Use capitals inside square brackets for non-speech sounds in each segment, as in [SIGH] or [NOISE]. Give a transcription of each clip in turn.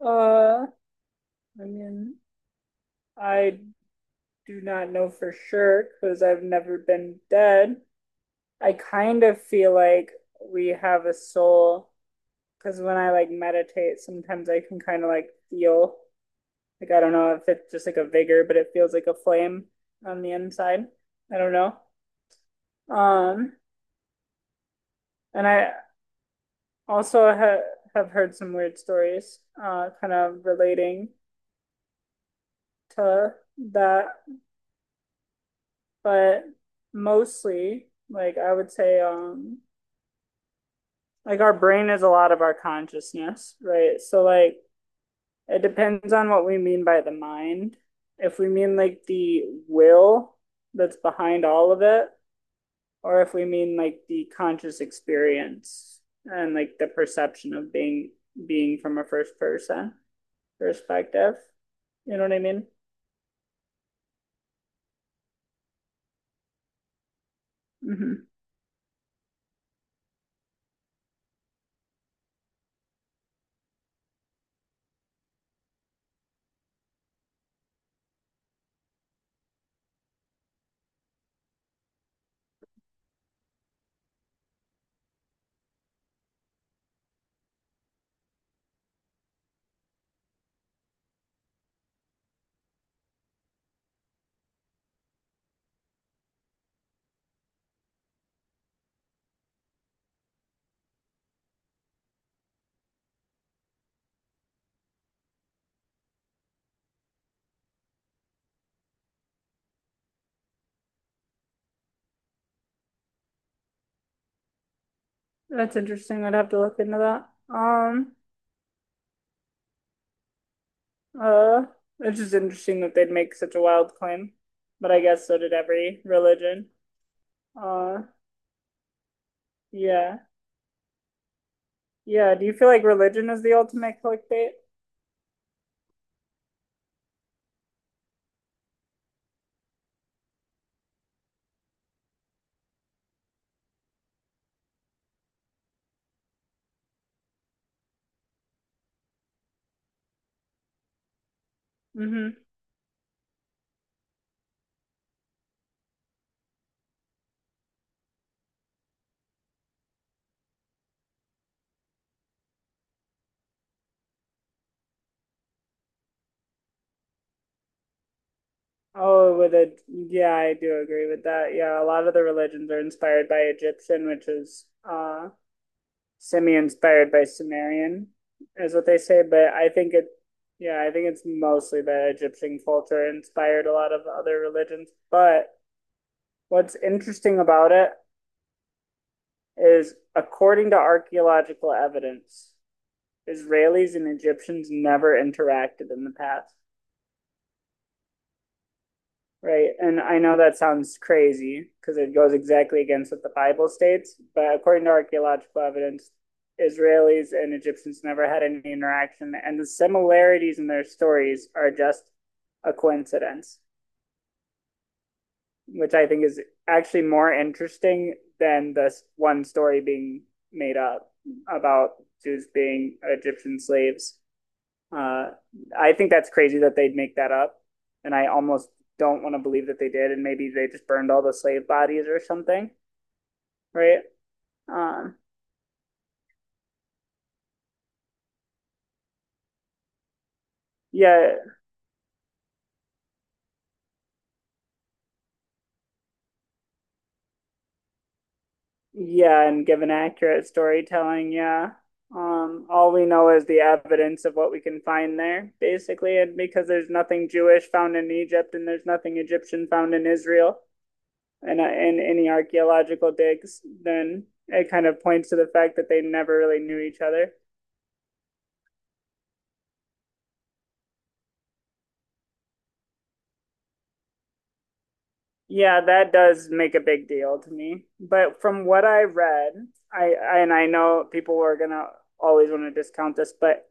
Uh, I mean, I do not know for sure because I've never been dead. I kind of feel like we have a soul because when I like meditate, sometimes I can kind of like feel like I don't know if it's just like a vigor, but it feels like a flame on the inside. I don't know. Um, and I also ha have heard some weird stories, kind of relating to that. But mostly, like I would say, like our brain is a lot of our consciousness, right? So like it depends on what we mean by the mind. If we mean like the will that's behind all of it, or if we mean like the conscious experience and like the perception of being from a first person perspective. You know what I mean? Hmm. That's interesting. I'd have to look into that. Um, Uh, it's just interesting that they'd make such a wild claim, but I guess so did every religion. Uh, yeah. Yeah, do you feel like religion is the ultimate clickbait? Mm-hmm. Oh, with a yeah, I do agree with that. Yeah, a lot of the religions are inspired by Egyptian, which is semi-inspired by Sumerian, is what they say, but I think it yeah, I think it's mostly that Egyptian culture inspired a lot of other religions. But what's interesting about it is according to archaeological evidence, Israelis and Egyptians never interacted in the past, right? And I know that sounds crazy because it goes exactly against what the Bible states, but according to archaeological evidence, Israelis and Egyptians never had any interaction, and the similarities in their stories are just a coincidence, which I think is actually more interesting than this one story being made up about Jews being Egyptian slaves. Uh, I think that's crazy that they'd make that up, and I almost don't want to believe that they did. And maybe they just burned all the slave bodies or something, right? Um, yeah, Yeah, and given accurate storytelling, yeah. All we know is the evidence of what we can find there, basically, and because there's nothing Jewish found in Egypt and there's nothing Egyptian found in Israel and in any archaeological digs, then it kind of points to the fact that they never really knew each other. Yeah, that does make a big deal to me. But from what I read, I and I know people are gonna always want to discount this, but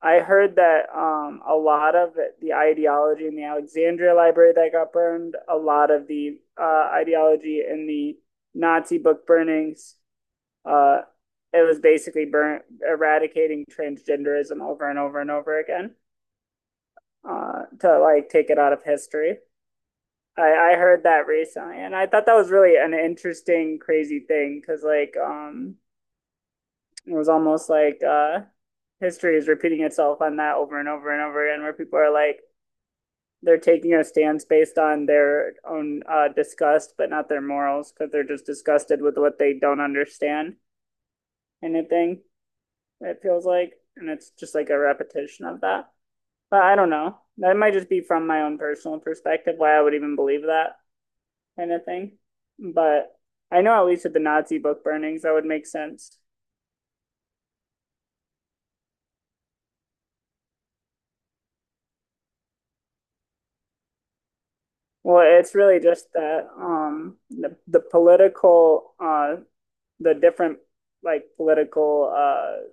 I heard that a lot of the ideology in the Alexandria Library that got burned, a lot of the ideology in the Nazi book burnings, uh, it was basically burn eradicating transgenderism over and over and over again, to like take it out of history. I heard that recently, and I thought that was really an interesting, crazy thing because like it was almost like history is repeating itself on that over and over and over again, where people are like they're taking a stance based on their own disgust, but not their morals, because they're just disgusted with what they don't understand. Anything it feels like, and it's just like a repetition of that. But I don't know. That might just be from my own personal perspective why I would even believe that kind of thing. But I know at least with the Nazi book burnings, that would make sense. Well, it's really just that the political the different like political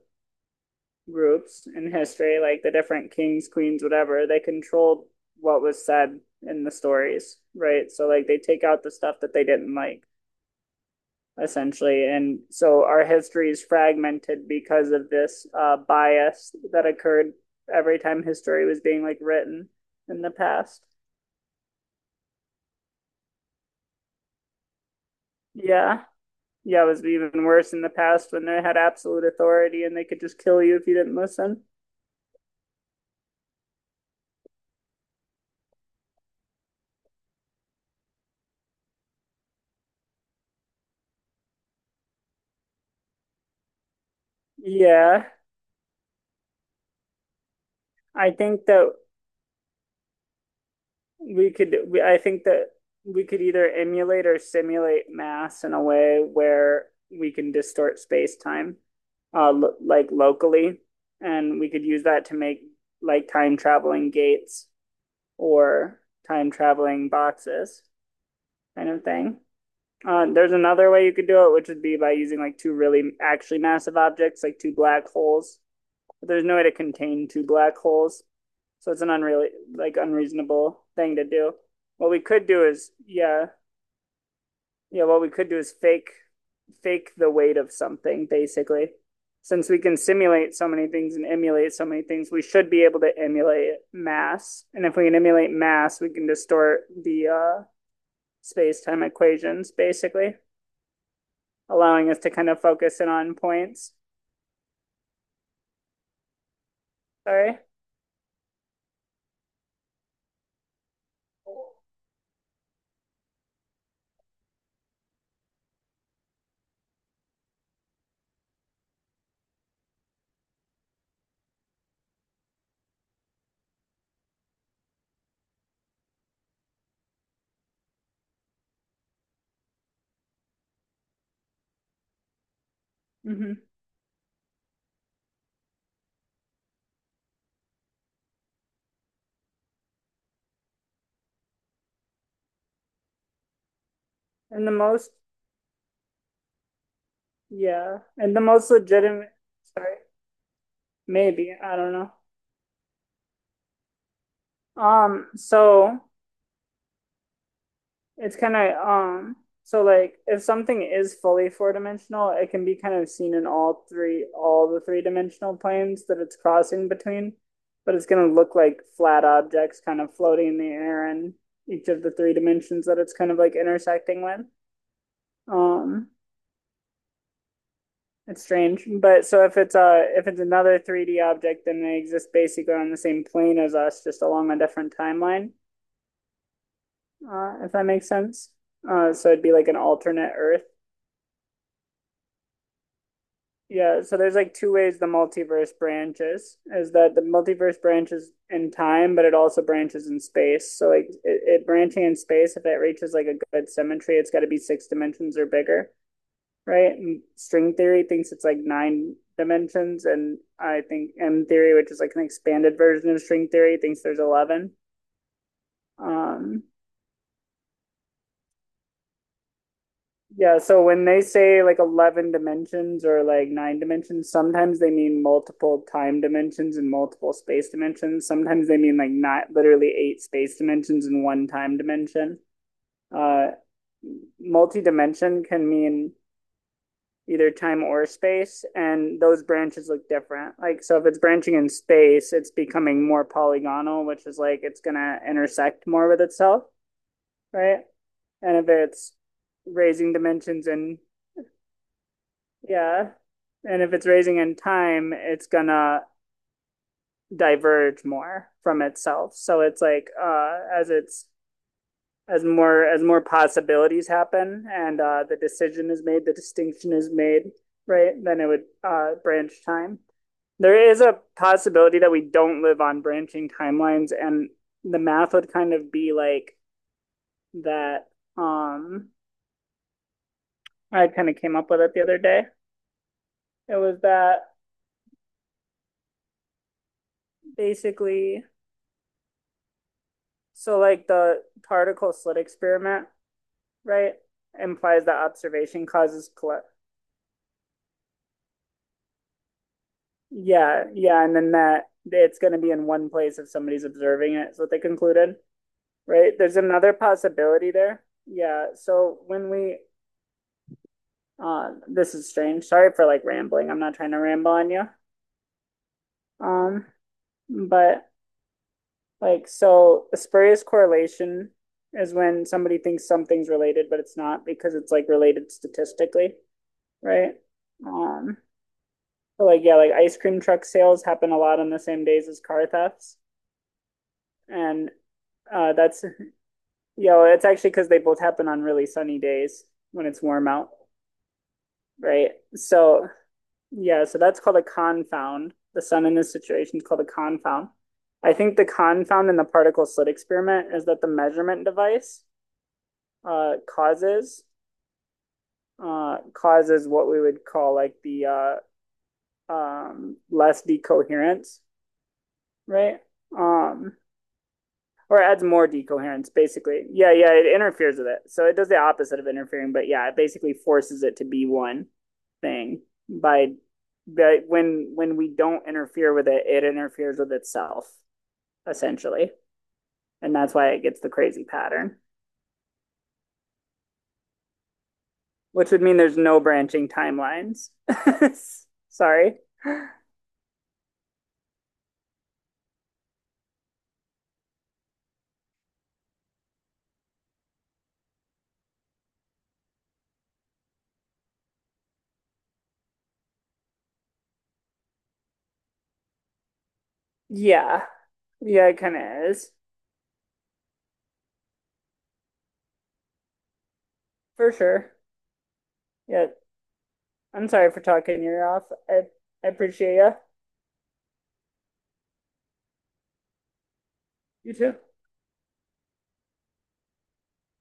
groups in history, like the different kings, queens, whatever, they controlled what was said in the stories, right? So like they take out the stuff that they didn't like essentially. And so our history is fragmented because of this bias that occurred every time history was being like written in the past. Yeah. Yeah, it was even worse in the past when they had absolute authority and they could just kill you if you didn't listen. Yeah. I think that I think that we could either emulate or simulate mass in a way where we can distort space-time lo like locally, and we could use that to make like time traveling gates or time traveling boxes kind of thing. There's another way you could do it, which would be by using like two really actually massive objects, like two black holes, but there's no way to contain two black holes. So it's an unreal like unreasonable thing to do. What we could do is yeah, yeah, what we could do is fake the weight of something basically. Since we can simulate so many things and emulate so many things, we should be able to emulate mass. And if we can emulate mass, we can distort the space-time equations basically, allowing us to kind of focus in on points. Sorry. Mm-hmm. And the most Yeah, and the most legitimate, sorry, maybe, I don't know. So it's kind of so like if something is fully four dimensional, it can be kind of seen in all the three dimensional planes that it's crossing between, but it's gonna look like flat objects kind of floating in the air in each of the three dimensions that it's kind of like intersecting with. Um, It's strange, but so if it's a if it's another 3D object, then they exist basically on the same plane as us, just along a different timeline. If that makes sense. So it'd be like an alternate Earth. Yeah. So there's like two ways the multiverse branches is that the multiverse branches in time, but it also branches in space. So like it branching in space, if it reaches like a good symmetry, it's got to be six dimensions or bigger, right? And string theory thinks it's like nine dimensions, and I think M theory, which is like an expanded version of string theory, thinks there's 11. Um, yeah, so when they say like 11 dimensions or like nine dimensions, sometimes they mean multiple time dimensions and multiple space dimensions. Sometimes they mean like not literally eight space dimensions and one time dimension. Uh, multi dimension can mean either time or space, and those branches look different. Like, so if it's branching in space, it's becoming more polygonal, which is like it's going to intersect more with itself, right? And if it's raising dimensions in, yeah, and if it's raising in time, it's going to diverge more from itself. So it's like as it's as more possibilities happen and the decision is made, the distinction is made, right? Then it would branch time. There is a possibility that we don't live on branching timelines, and the math would kind of be like that. Um, I kind of came up with it the other day. It was that basically, so like the particle slit experiment, right, implies that observation causes collapse. Yeah, and then that it's going to be in one place if somebody's observing it, is what they concluded, right? There's another possibility there. Yeah, so when we this is strange. Sorry for like rambling. I'm not trying to ramble on you. Um, but like, so a spurious correlation is when somebody thinks something's related, but it's not because it's like related statistically, right? Um, so like, yeah, like ice cream truck sales happen a lot on the same days as car thefts. And that's, you know, it's actually because they both happen on really sunny days when it's warm out, right? So yeah, so that's called a confound. The sun in this situation is called a confound. I think the confound in the particle slit experiment is that the measurement device uh, causes causes what we would call like the less decoherence, right? Um, or adds more decoherence basically, yeah, yeah, it interferes with it, so it does the opposite of interfering, but yeah, it basically forces it to be one thing by when we don't interfere with it, it interferes with itself essentially, and that's why it gets the crazy pattern, which would mean there's no branching timelines. [LAUGHS] Sorry. Yeah, yeah, it kind of is, for sure. Yeah, I'm sorry for talking your ear off. i, I appreciate you. You too.